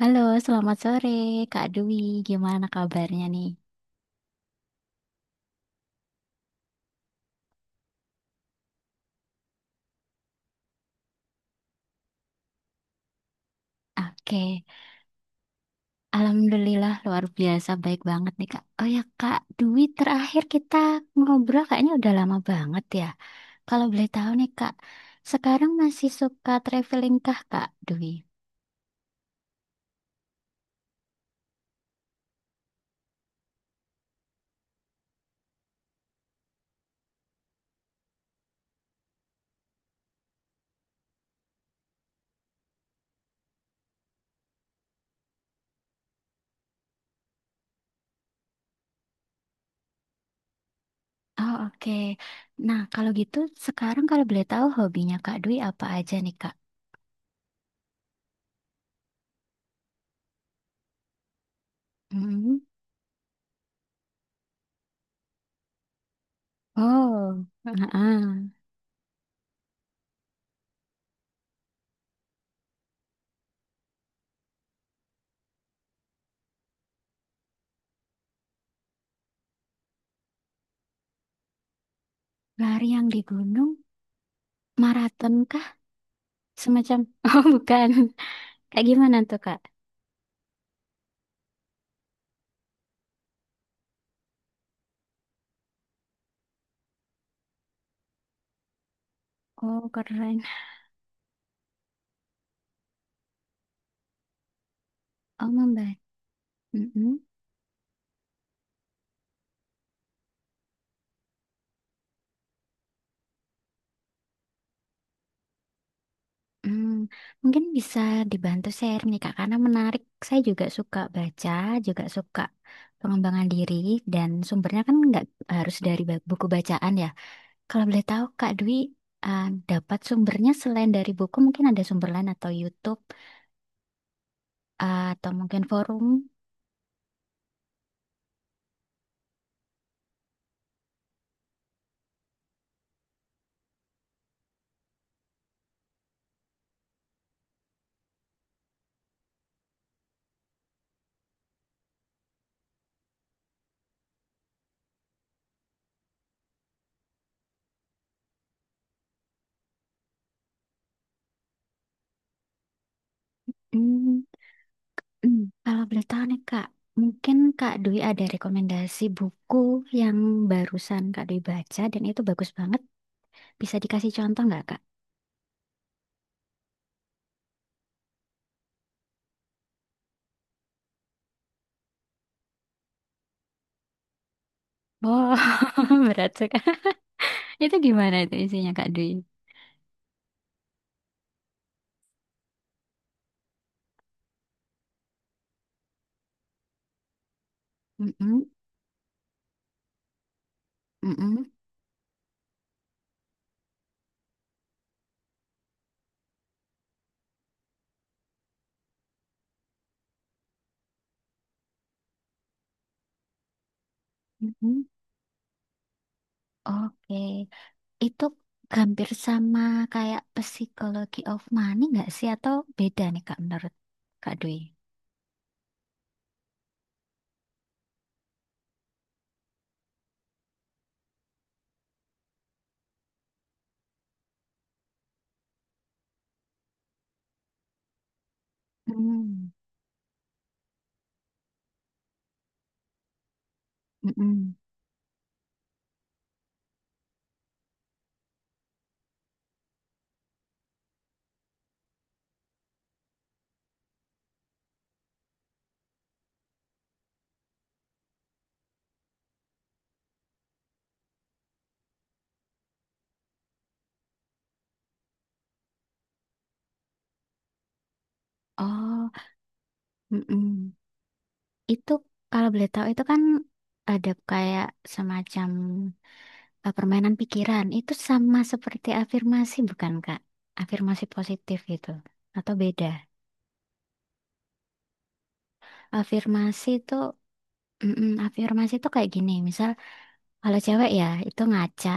Halo, selamat sore Kak Dwi. Gimana kabarnya nih? Oke. Alhamdulillah luar biasa baik banget nih Kak. Oh ya Kak Dwi, terakhir kita ngobrol kayaknya udah lama banget ya. Kalau boleh tahu nih Kak, sekarang masih suka traveling kah Kak Dwi? Oh oke. Nah kalau gitu sekarang kalau boleh tahu hobinya Kak Dwi apa aja nih Kak? Hmm. Oh, heeh. Lari yang di gunung, maraton kah? Semacam, oh bukan. Kayak gimana tuh, Kak? Oh, keren. Oh, membantu. Mm-mm. Hmm. Mungkin bisa dibantu share nih, Kak, karena menarik. Saya juga suka baca, juga suka pengembangan diri, dan sumbernya kan nggak harus dari buku bacaan ya. Kalau boleh tahu, Kak Dwi, eh, dapat sumbernya selain dari buku, mungkin ada sumber lain atau YouTube, atau mungkin forum. Hmm. Kalau boleh tahu nih Kak, mungkin Kak Dwi ada rekomendasi buku yang barusan Kak Dwi baca dan itu bagus banget. Bisa dikasih contoh nggak Kak? Oh, berat sekali. Itu gimana itu isinya Kak Dwi? Mm-mm, mm-mm, mm-mm. Oke. Itu hampir sama kayak Psychology of Money nggak sih? Atau beda nih Kak menurut Kak Dwi? Hmm, mm-mm. Oh, mm-mm. Itu kalau boleh tahu itu kan ada kayak semacam permainan pikiran. Itu sama seperti afirmasi bukan Kak? Afirmasi positif gitu atau beda? Afirmasi itu mm-mm, afirmasi itu kayak gini. Misal kalau cewek ya itu ngaca,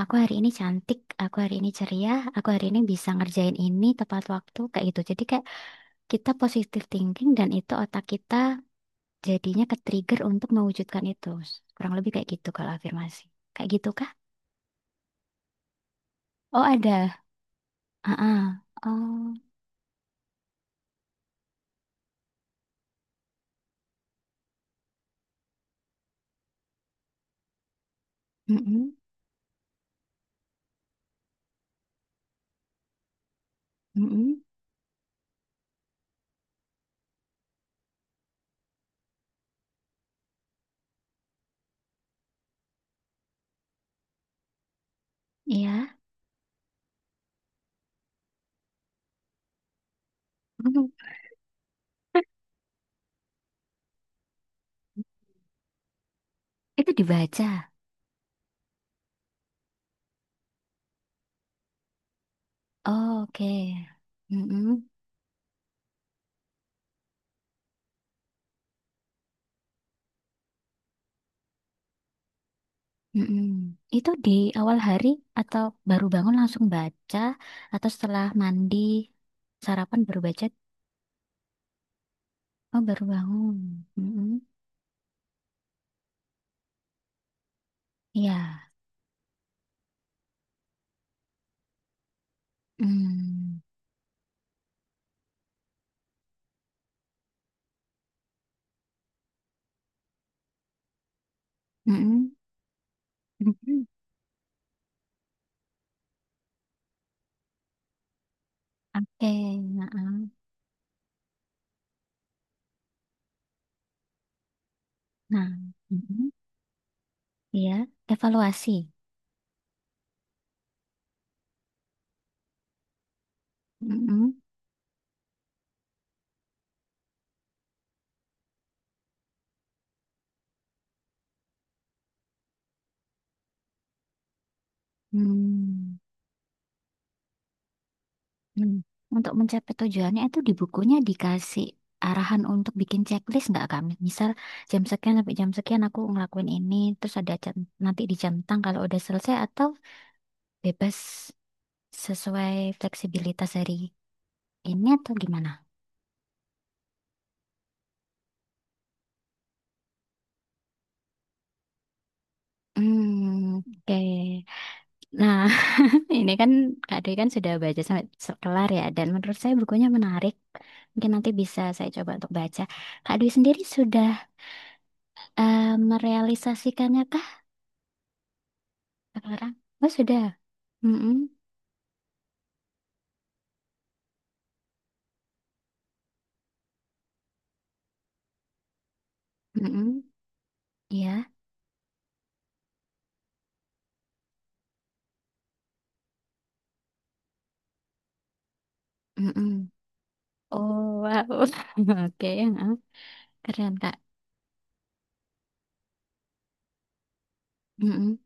aku hari ini cantik, aku hari ini ceria, aku hari ini bisa ngerjain ini tepat waktu kayak gitu. Jadi kayak kita positive thinking dan itu otak kita jadinya ke-trigger untuk mewujudkan itu. Kurang lebih kayak gitu kalau afirmasi. Kayak gitu kah? Oh, ada. Ah ah. Oh, mm-mm, mm-mm, iya. Mm. Itu dibaca. Oh, oke. Mm-mm, mm-mm. Itu di awal hari atau baru bangun langsung baca atau setelah mandi sarapan baru baca? Oh, baru bangun. Mm-mm. Iya. Mm. Mm-mm. Mm-mm. Oke. Nah, ah. Nah. Mm-mm. Iya, evaluasi. Mm-mm. Hmm. Hmm. Untuk mencapai tujuannya itu di bukunya dikasih arahan untuk bikin checklist nggak kami? Misal jam sekian sampai jam sekian aku ngelakuin ini, terus ada jam, nanti dijentang kalau udah selesai atau bebas sesuai fleksibilitas hari ini atau gimana? Hmm, oke. Nah, ini kan Kak Dwi kan sudah baca sampai kelar ya, dan menurut saya bukunya menarik. Mungkin nanti bisa saya coba untuk baca. Kak Dwi sendiri sudah eh, merealisasikannya kah sekarang? Oh sudah. Mm-mm. Mm-mm. Iya. Mm-mm. Oh wow. Oke, heeh. Keren Kak. Mm-mm.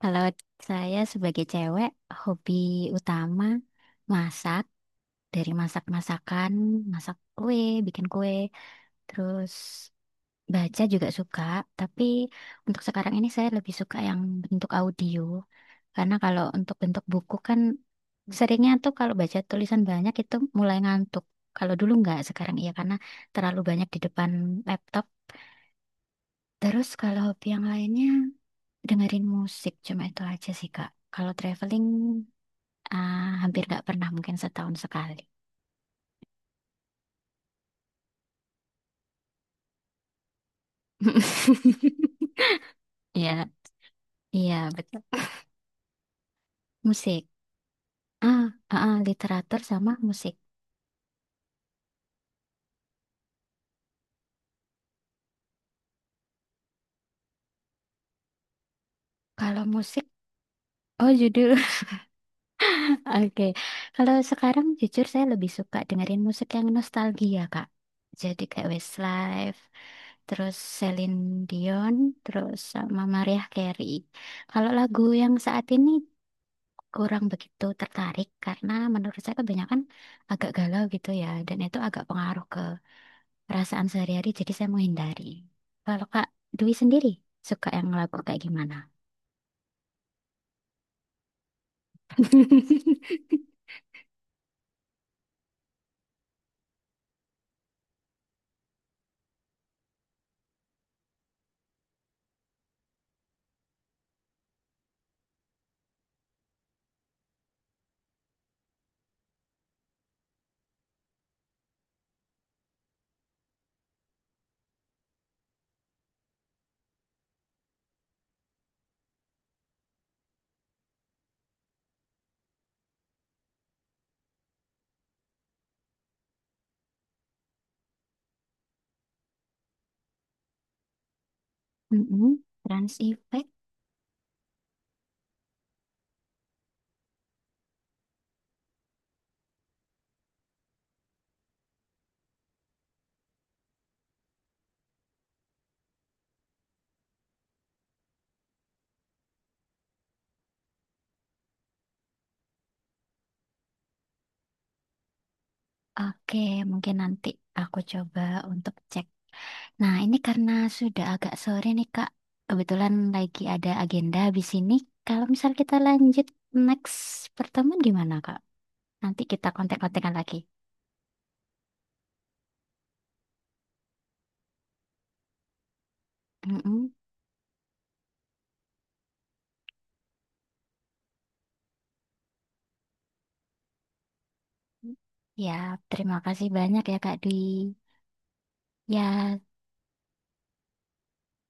Kalau saya sebagai cewek, hobi utama masak. Dari masak-masakan, masak kue, bikin kue, terus baca juga suka, tapi untuk sekarang ini saya lebih suka yang bentuk audio. Karena kalau untuk bentuk buku kan seringnya tuh kalau baca tulisan banyak itu mulai ngantuk. Kalau dulu nggak, sekarang iya karena terlalu banyak di depan laptop. Terus kalau hobi yang lainnya dengerin musik cuma itu aja sih Kak. Kalau traveling ah, hampir nggak pernah mungkin setahun sekali. Iya, iya betul. Musik. Ah, ah, ah, literatur sama musik. Kalau musik oh judul, oke. Kalau sekarang jujur saya lebih suka dengerin musik yang nostalgia Kak. Jadi kayak Westlife, terus Celine Dion, terus sama Mariah Carey. Kalau lagu yang saat ini kurang begitu tertarik karena menurut saya kebanyakan agak galau gitu ya, dan itu agak pengaruh ke perasaan sehari-hari. Jadi saya menghindari. Kalau Kak Dwi sendiri suka yang lagu kayak gimana? Mm-mm. Trans Effect. Oke, mungkin nanti aku coba untuk cek. Nah, ini karena sudah agak sore nih, Kak. Kebetulan lagi ada agenda di sini. Kalau misal kita lanjut next pertemuan gimana, Kak? Nanti kita kontak-kontakan lagi. Mm-mm. Ya, terima kasih banyak ya, Kak Dwi. Ya.